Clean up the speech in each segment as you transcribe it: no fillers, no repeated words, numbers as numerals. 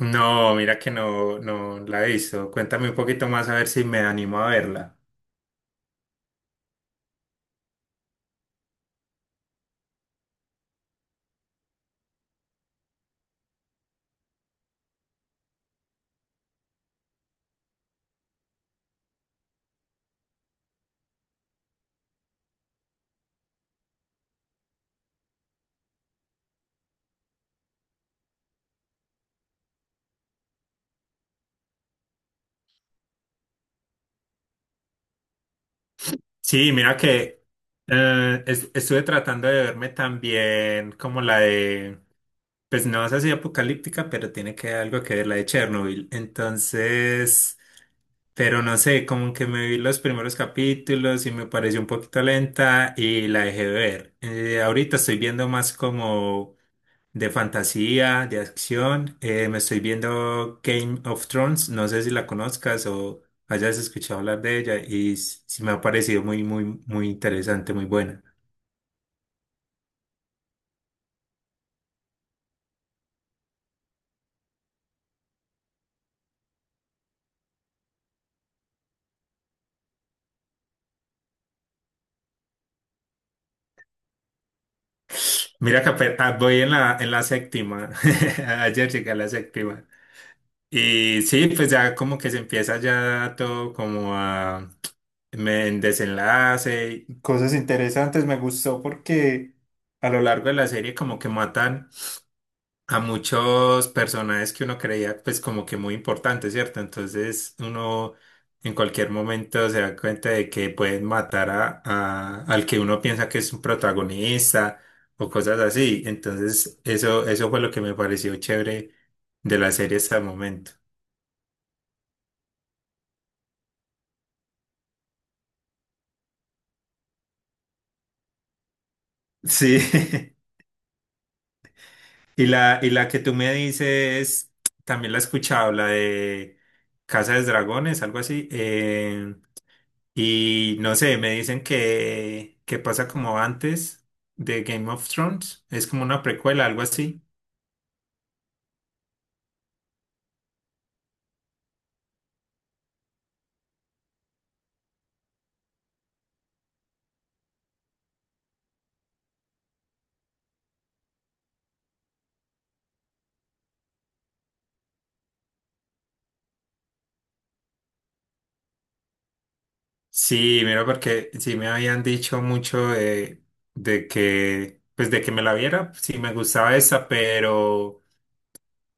No, mira que no, no la he visto. Cuéntame un poquito más a ver si me animo a verla. Sí, mira que estuve tratando de verme también como la de, pues no es así apocalíptica, pero tiene que algo que ver la de Chernobyl. Entonces, pero no sé, como que me vi los primeros capítulos y me pareció un poquito lenta y la dejé de ver. Ahorita estoy viendo más como de fantasía, de acción. Me estoy viendo Game of Thrones, no sé si la conozcas o hayas escuchado hablar de ella y sí me ha parecido muy, muy, muy interesante, muy buena. Mira que voy en la séptima, ayer llegué a la séptima. Y sí, pues ya como que se empieza ya todo como a me en desenlace, cosas interesantes, me gustó porque a lo largo de la serie como que matan a muchos personajes que uno creía pues como que muy importantes, ¿cierto? Entonces uno en cualquier momento se da cuenta de que pueden matar al que uno piensa que es un protagonista o cosas así. Entonces eso fue lo que me pareció chévere de la serie hasta el momento. Sí. Y la que tú me dices, también la he escuchado, la de Casa de Dragones, algo así. Y no sé, me dicen que pasa como antes de Game of Thrones. Es como una precuela, algo así. Sí, mira, porque sí me habían dicho mucho de que, pues de que me la viera, sí me gustaba esa, pero,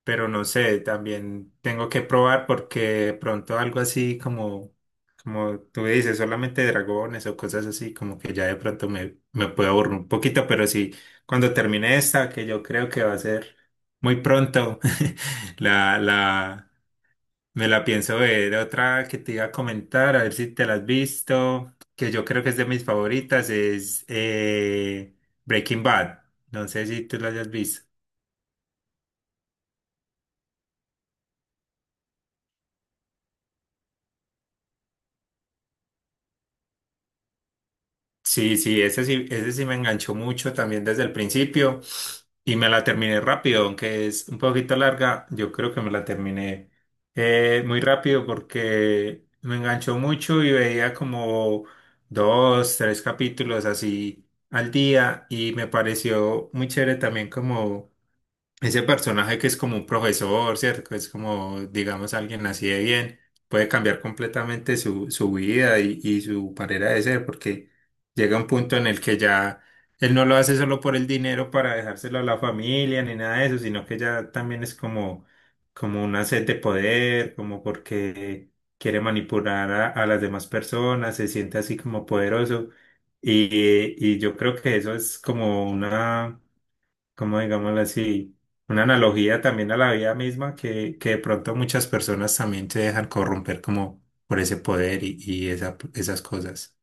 pero no sé, también tengo que probar porque de pronto algo así como como tú dices, solamente dragones o cosas así, como que ya de pronto me puedo aburrir un poquito, pero sí, cuando termine esta, que yo creo que va a ser muy pronto, la, la, me la pienso ver. Otra que te iba a comentar, a ver si te la has visto, que yo creo que es de mis favoritas, es Breaking Bad. No sé si tú la hayas visto. Sí, sí, ese sí me enganchó mucho también desde el principio y me la terminé rápido, aunque es un poquito larga, yo creo que me la terminé muy rápido porque me enganchó mucho y veía como dos, tres capítulos así al día y me pareció muy chévere también como ese personaje que es como un profesor, ¿cierto? Que es como, digamos, alguien así de bien, puede cambiar completamente su vida y su manera de ser, porque llega un punto en el que ya él no lo hace solo por el dinero para dejárselo a la familia ni nada de eso, sino que ya también es como, como una sed de poder, como porque quiere manipular a las demás personas, se siente así como poderoso. Y yo creo que eso es como una, como digámoslo así, una analogía también a la vida misma que de pronto muchas personas también se dejan corromper como por ese poder y esas cosas.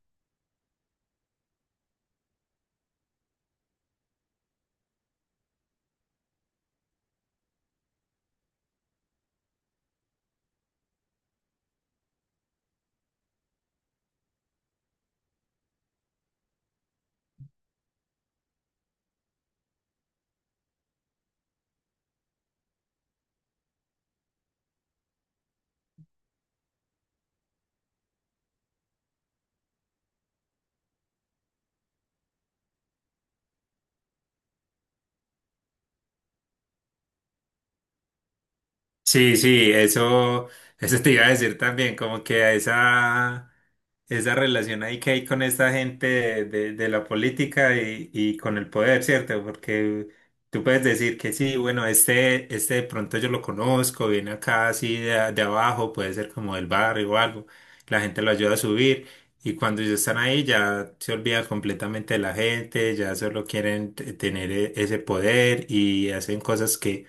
Sí, sí, eso te iba a decir también, como que a esa... esa relación ahí que hay con esta gente de la política y con el poder, ¿cierto? Porque tú puedes decir que sí, bueno, este de pronto yo lo conozco, viene acá así de abajo, puede ser como del barrio o algo, la gente lo ayuda a subir y cuando ellos están ahí ya se olvidan completamente de la gente, ya solo quieren tener ese poder y hacen cosas que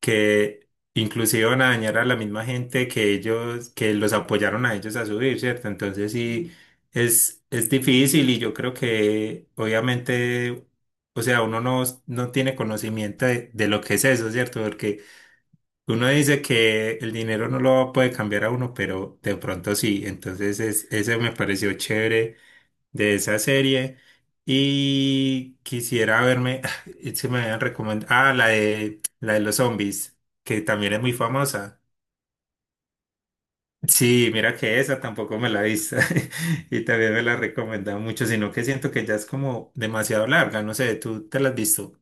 que inclusive van a dañar a la misma gente que ellos, que los apoyaron a ellos a subir, ¿cierto? Entonces sí, es difícil y yo creo que obviamente, o sea, uno no tiene conocimiento de lo que es eso, ¿cierto? Porque uno dice que el dinero no lo puede cambiar a uno, pero de pronto sí, entonces ese me pareció chévere de esa serie y quisiera verme, se me habían recomendado, ah, la de los zombies, que también es muy famosa. Sí, mira que esa tampoco me la he visto y también me la recomendan mucho, sino que siento que ya es como demasiado larga, no sé, ¿tú te la has visto?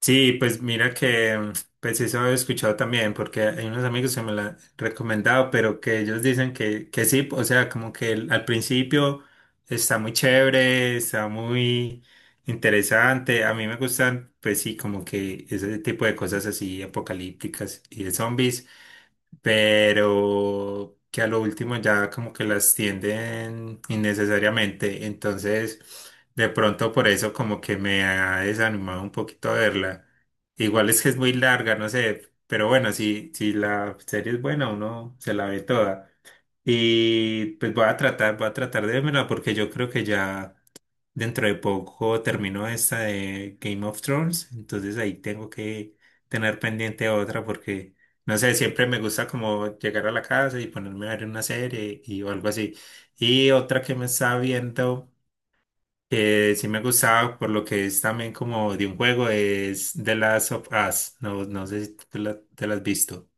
Sí, pues mira que, pues eso he escuchado también, porque hay unos amigos que me la han recomendado, pero que ellos dicen que sí, o sea, como que al principio está muy chévere, está muy interesante. A mí me gustan, pues sí, como que ese tipo de cosas así apocalípticas y de zombies pero que a lo último ya como que las tienden innecesariamente. Entonces, de pronto por eso como que me ha desanimado un poquito verla. Igual es que es muy larga, no sé, pero bueno, si la serie es buena, uno se la ve toda. Y pues voy a tratar de verla porque yo creo que ya dentro de poco terminó esta de Game of Thrones, entonces ahí tengo que tener pendiente otra porque, no sé, siempre me gusta como llegar a la casa y ponerme a ver una serie y o algo así. Y otra que me estaba viendo, que sí me gustaba por lo que es también como de un juego, es The Last of Us. No, no sé si tú te la has visto.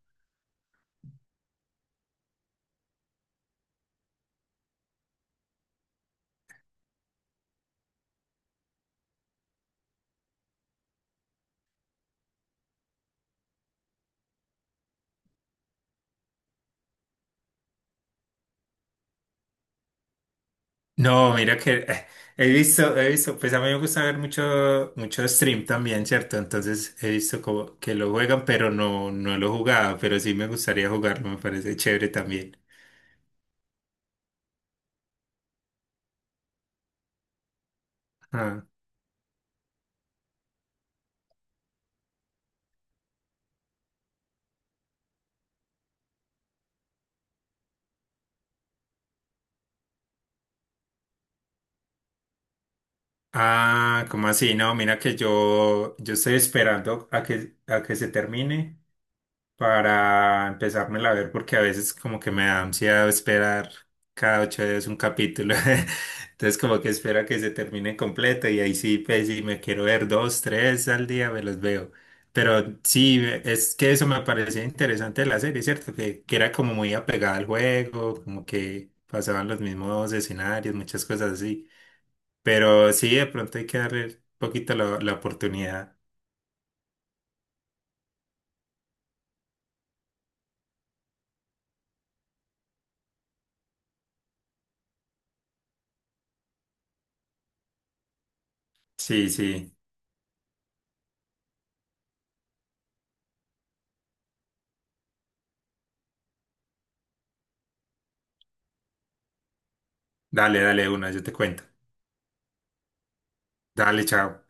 No, mira que he visto, pues a mí me gusta ver mucho, mucho stream también, ¿cierto? Entonces he visto como que lo juegan, pero no lo he jugado, pero sí me gustaría jugarlo, me parece chévere también. Ah, ah, ¿cómo así? No, mira que yo estoy esperando a que se termine, para empezármela a ver, porque a veces como que me da ansiedad esperar cada 8 días un capítulo. Entonces como que espero que se termine completo y ahí sí, pues si me quiero ver dos, tres al día, me los veo. Pero sí, es que eso me parecía interesante de la serie, ¿cierto? Que era como muy apegada al juego, como que pasaban los mismos escenarios, muchas cosas así. Pero sí, de pronto hay que darle un poquito la oportunidad. Sí, sí. Dale, dale una, yo te cuento. Dale, chao.